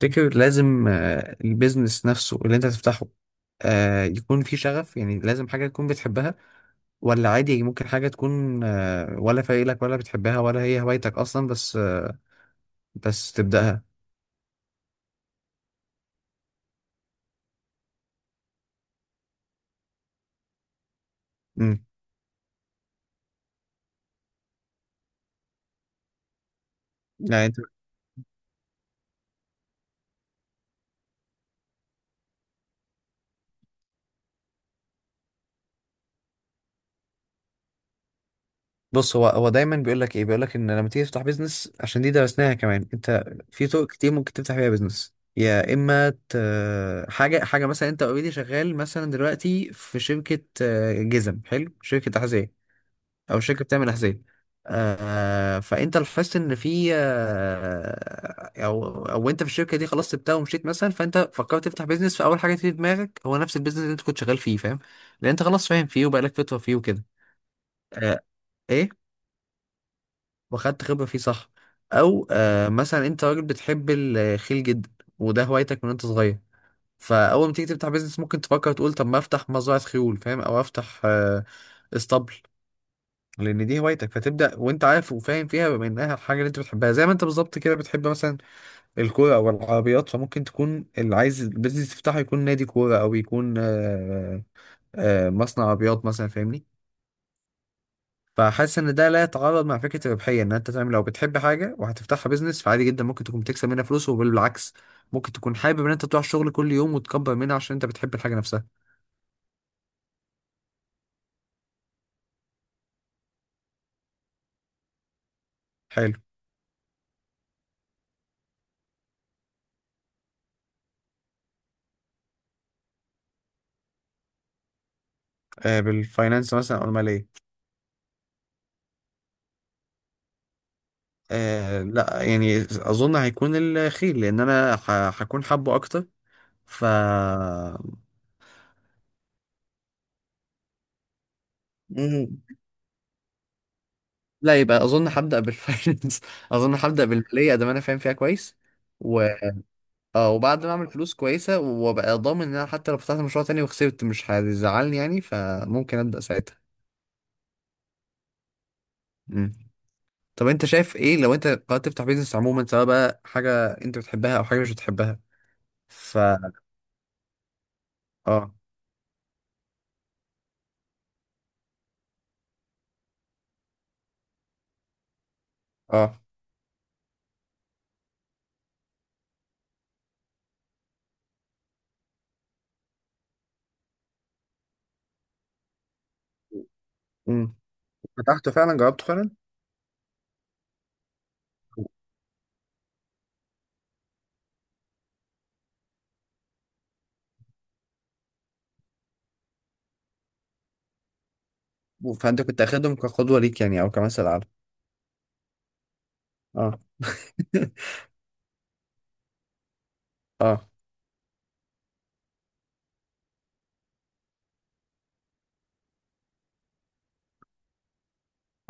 تفتكر لازم البيزنس نفسه اللي انت تفتحه يكون فيه شغف، يعني لازم حاجة تكون بتحبها، ولا عادي ممكن حاجة تكون ولا فايلك ولا بتحبها ولا هي هوايتك أصلا، بس بس تبدأها. مم. يعني انت بص. هو دايما بيقول لك ان لما تيجي تفتح بيزنس، عشان دي درسناها كمان. انت في طرق كتير ممكن تفتح بيها بيزنس، يا اما حاجه مثلا. انت اوريدي شغال مثلا دلوقتي في شركه، جزم حلو، شركه تحذير، او شركه بتعمل احذيه. فانت لاحظت ان في آه او او انت في الشركه دي خلاص سبتها ومشيت مثلا، فانت فكرت تفتح بيزنس، فاول حاجه تيجي في دماغك هو نفس البيزنس اللي انت كنت شغال فيه، فاهم؟ لان انت خلاص فاهم فيه وبقالك فتره فيه وكده. آه. ايه. واخدت خبره فيه، صح. او مثلا انت راجل بتحب الخيل جدا، وده هوايتك من انت صغير، فاول ما تيجي تفتح بيزنس ممكن تفكر تقول طب ما افتح مزرعه خيول، فاهم، او افتح اسطبل، لان دي هوايتك، فتبدا وانت عارف وفاهم فيها بما انها الحاجه اللي انت بتحبها. زي ما انت بالظبط كده بتحب مثلا الكوره او العربيات، فممكن تكون اللي عايز البيزنس تفتحه يكون نادي كوره، او يكون مصنع عربيات مثلا، فاهمني. فحاسس ان ده لا يتعارض مع فكره الربحيه، ان انت تعمل، لو بتحب حاجه وهتفتحها بيزنس فعادي جدا ممكن تكون بتكسب منها فلوس، وبالعكس ممكن تكون حابب ان انت تروح الشغل كل يوم وتكبر منها عشان انت بتحب الحاجه نفسها. حلو. بالفاينانس مثلا او الماليه. لا، يعني اظن هيكون الخيل، لان انا هكون حابه اكتر. ف مم. لا، يبقى اظن هبدا بالفاينانس اظن هبدا بالماليه، ده ما انا فاهم فيها كويس. و... وبعد ما اعمل فلوس كويسه وابقى ضامن ان انا حتى لو فتحت مشروع تاني وخسرت مش هيزعلني، يعني فممكن ابدا ساعتها. مم. طب انت شايف ايه لو انت قررت تفتح بيزنس عموما، سواء بقى حاجه انت بتحبها او حاجه مش بتحبها؟ ف اه. اه. امم. فتحته فعلا، جربته فعلا؟ فانت كنت اخدهم كقدوه ليك، يعني، او كمثل اعلى؟ اه. اه.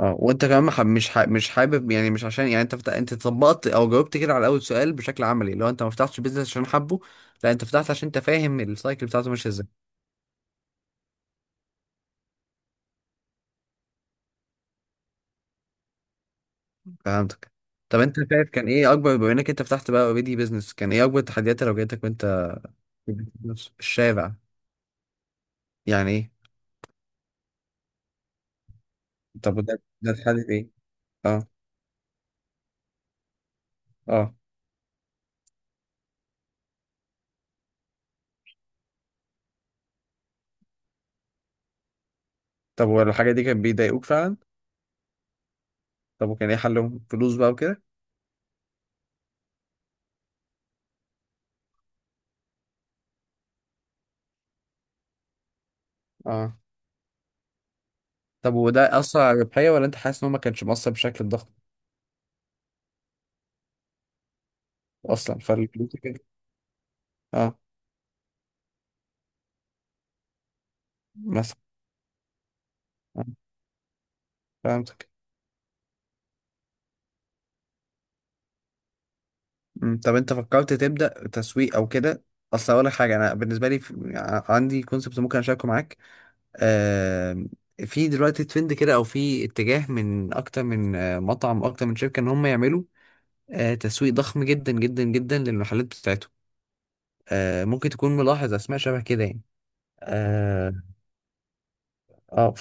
اه، وانت كمان مش حابب، يعني مش عشان، يعني انت انت طبقت او جاوبت كده على اول سؤال بشكل عملي، لو انت ما فتحتش بيزنس عشان حبه، لا انت فتحت عشان انت فاهم السايكل بتاعته ماشيه ازاي. فهمتك. طب انت شايف كان ايه اكبر، بما انك انت فتحت بقى اوريدي بيزنس، كان ايه اكبر التحديات اللي واجهتك وانت في البيزنس؟ الشارع. يعني ايه؟ طب وده اتحدد ايه؟ اه. اه. طب والحاجه دي كانت بيضايقوك فعلا؟ طب وكان ايه حلهم، فلوس بقى وكده؟ اه. طب وده أثر على الربحية، ولا أنت حاسس إن هو ما كانش مؤثر بشكل ضخم؟ أصلا فالفلوس كده. أه. مثلا. آه، فهمتك. أمم، طب أنت فكرت تبدأ تسويق أو كده؟ أصل أقول لك حاجة، أنا بالنسبة لي عندي كونسبت ممكن أشاركه معاك. آه... في دلوقتي ترند كده، أو في اتجاه، من أكتر من مطعم، أكتر من شركة، إن هم يعملوا تسويق ضخم جدا جدا جدا للمحلات بتاعتهم. ممكن تكون ملاحظ أسماء شبه كده يعني. اه. اه.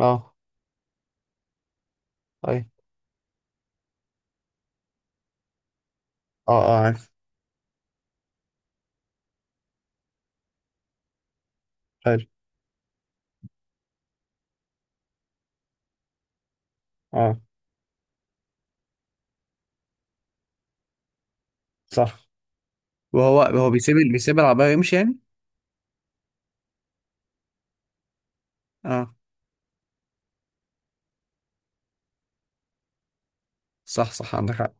اه. أي. اه. اه، عارف. اه. صح. وهو هو بيسيب بيسيب العربية ويمشي يعني. اه. صح، صح، عندك حق.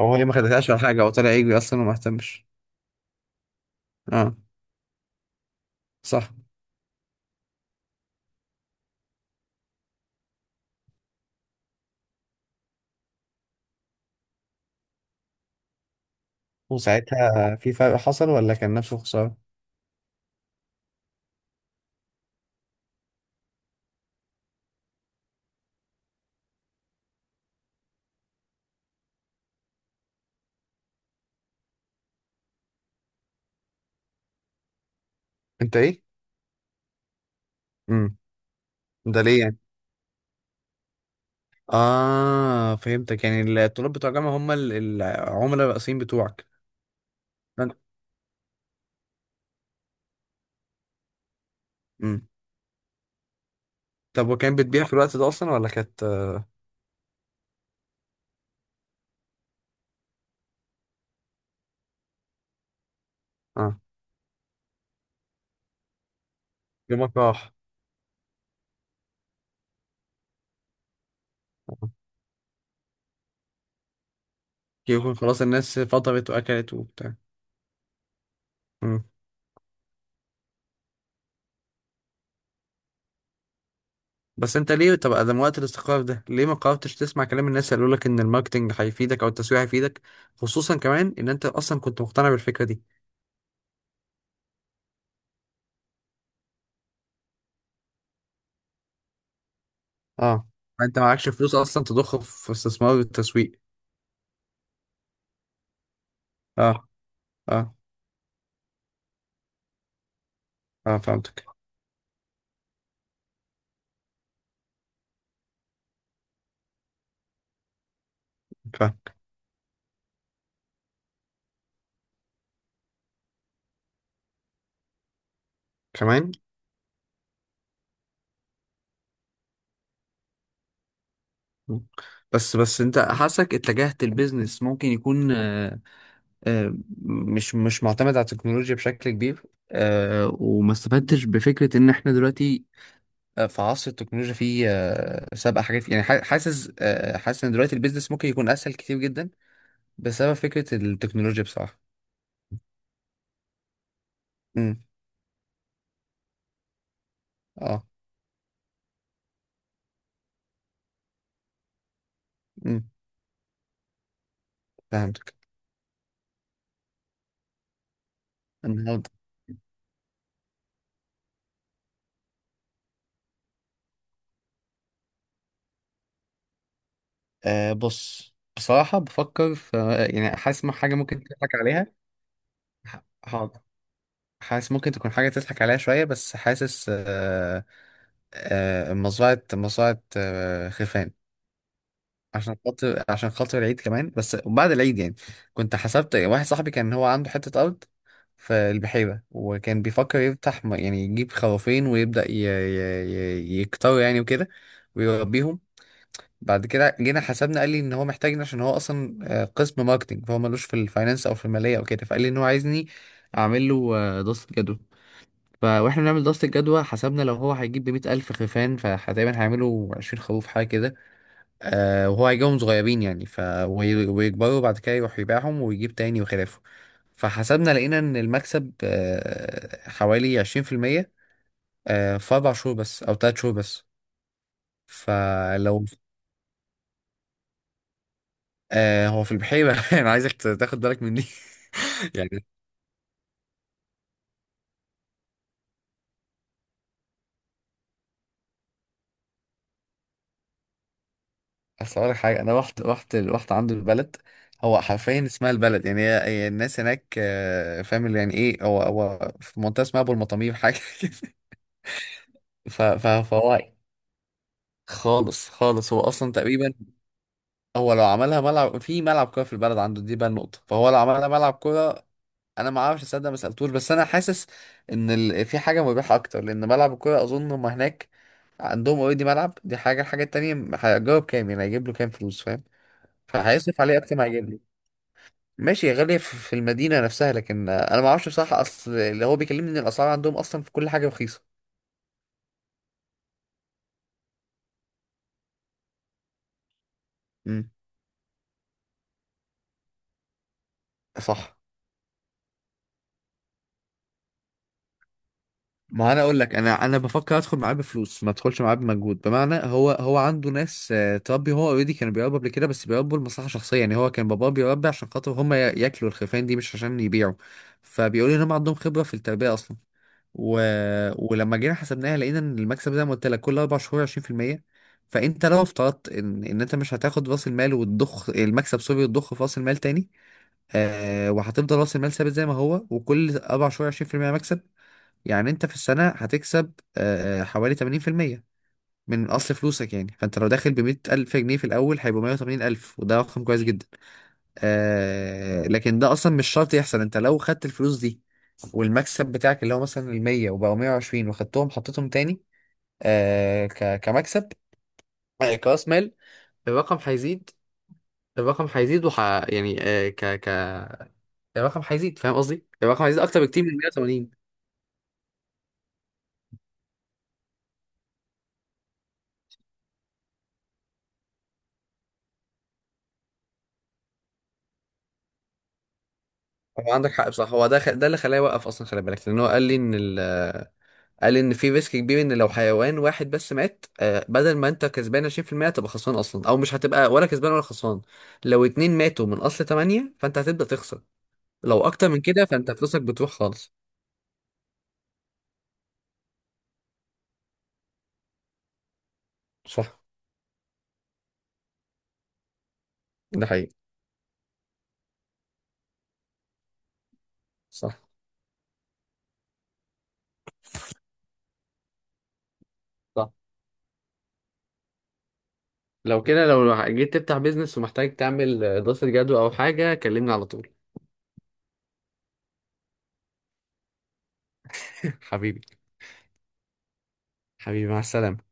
هو هي ما خدتهاش ولا حاجة، هو طلع يجري أصلا وما اهتمش. اه. صح. وساعتها في فرق حصل، ولا كان نفسه خسارة؟ انت ايه؟ امم. ده ليه يعني؟ اه، فهمتك، يعني الطلاب بتوع الجامعة هم العملاء الرئيسيين بتوعك. فانت- امم. طب وكان بتبيع في الوقت ده أصلا، ولا كانت؟ اه. يومك راح. آه. يكون خلاص الناس فطرت وأكلت وبتاع. بس انت ليه، طب ادم وقت الاستقرار ده ليه ما قررتش تسمع كلام الناس اللي يقولك ان الماركتنج هيفيدك او التسويق هيفيدك؟ خصوصا كمان ان انت اصلا كنت مقتنع بالفكره دي. اه، انت معكش فلوس اصلا تضخ في استثمار التسويق. اه. اه. اه، فهمتك. فاهم. كمان. بس انت حاسك اتجهت البيزنس ممكن يكون آه مش معتمد على التكنولوجيا بشكل كبير. وما استفدتش بفكرة ان احنا دلوقتي في عصر التكنولوجيا، في سابقة حاجات، يعني حاسس ان دلوقتي البيزنس ممكن يكون اسهل كتير جدا بسبب فكرة التكنولوجيا بصراحة. امم. اه. امم. فهمتك. النهارده. بص، بصراحة بفكر في، يعني حاسس ما حاجة ممكن تضحك عليها. حاضر. حاسس ممكن تكون حاجة تضحك عليها شوية، بس حاسس مزرعة مزرعة خفان، عشان خاطر العيد كمان، بس بعد العيد يعني. كنت حسبت واحد صاحبي، كان هو عنده حتة أرض في البحيرة، وكان بيفكر يفتح يعني يجيب خرافين ويبدأ يكتروا يعني وكده، ويربيهم. بعد كده جينا حسبنا، قال لي ان هو محتاجني عشان هو اصلا قسم ماركتنج، فهو ملوش في الفاينانس او في الماليه او كده، فقال لي ان هو عايزني اعمل له دراسه جدوى. فاحنا بنعمل دراسه الجدوى، حسبنا لو هو هيجيب ب 100,000 خرفان فتقريبا هيعملوا 20 خروف حاجه كده. وهو هيجيبهم صغيرين يعني. ويكبروا وبعد كده يروح يبيعهم ويجيب تاني وخلافه. فحسبنا لقينا ان المكسب حوالي 20%، في 4 شهور بس أو 3 شهور بس. فلو هو في البحيرة. أنا عايزك تاخد بالك مني. يعني. أصل أقول لك حاجة، أنا رحت عنده البلد. هو حرفيا اسمها البلد، يعني هي الناس هناك فاهم اللي يعني ايه. هو في منطقة اسمها أبو المطامير حاجة كده. فهو. خالص، خالص هو اصلا تقريبا، هو لو عملها ملعب، في ملعب كوره في البلد عنده دي، بقى النقطه، فهو لو عملها ملعب كوره، انا ما اعرفش اصدق، ما سالتوش بس انا حاسس ان في حاجه مربحه اكتر. لان ملعب الكوره اظن هم هناك عندهم اوريدي ملعب، دي حاجه. الحاجه التانيه هيجرب كام، يعني هيجيب له كام فلوس، فاهم. فهيصرف عليه اكتر ما هيجيب له. ماشي يا غالية، في المدينه نفسها، لكن انا ما اعرفش بصراحه، اصل اللي هو بيكلمني ان الاسعار عندهم اصلا في كل حاجه رخيصه. امم. صح. ما انا اقول لك، انا بفكر ادخل معاه بفلوس، ما ادخلش معاه بمجهود. بمعنى هو عنده ناس تربي. هو اوريدي كانوا بيربوا قبل كده، بس بيربوا لمصلحه شخصيه. يعني هو كان باباه بيربي عشان خاطر هم ياكلوا الخرفان دي مش عشان يبيعوا. فبيقولوا ان هم عندهم خبره في التربيه اصلا. و... ولما جينا حسبناها لقينا ان المكسب، زي ما قلت لك، كل 4 شهور 20%. فانت لو افترضت ان انت مش هتاخد راس المال وتضخ المكسب، سوري، وتضخ في راس المال تاني. وهتفضل راس المال ثابت زي ما هو، وكل 4 شهور 20% مكسب. يعني انت في السنة هتكسب حوالي 80% من اصل فلوسك. يعني فانت لو داخل ب 100,000 جنيه في الاول هيبقوا 180,000، وده رقم كويس جدا. لكن ده اصلا مش شرط يحصل. انت لو خدت الفلوس دي والمكسب بتاعك اللي هو مثلا ال 100 وبقوا 120، وخدتهم حطيتهم تاني كمكسب، كراس مال، الرقم هيزيد الرقم هيزيد وح يعني آه، ك ك الرقم هيزيد، فاهم قصدي؟ الرقم هيزيد اكتر بكتير من 180. هو عندك حق. بصح هو ده ده اللي خلاه يوقف اصلا، خلي بالك، لان هو قال لي ان في ريسك كبير، ان لو حيوان واحد بس مات، بدل ما انت كسبان 20% هتبقى خسران اصلا، او مش هتبقى ولا كسبان ولا خسران. لو اتنين ماتوا من اصل 8 فانت هتبدأ تخسر، لو اكتر من كده فانت فلوسك بتروح خالص. صح. ده حقيقي. صح. صح. لو كده، لو جيت تفتح بيزنس ومحتاج تعمل دراسة جدوى او حاجة، كلمني على طول. حبيبي. حبيبي، مع السلامة.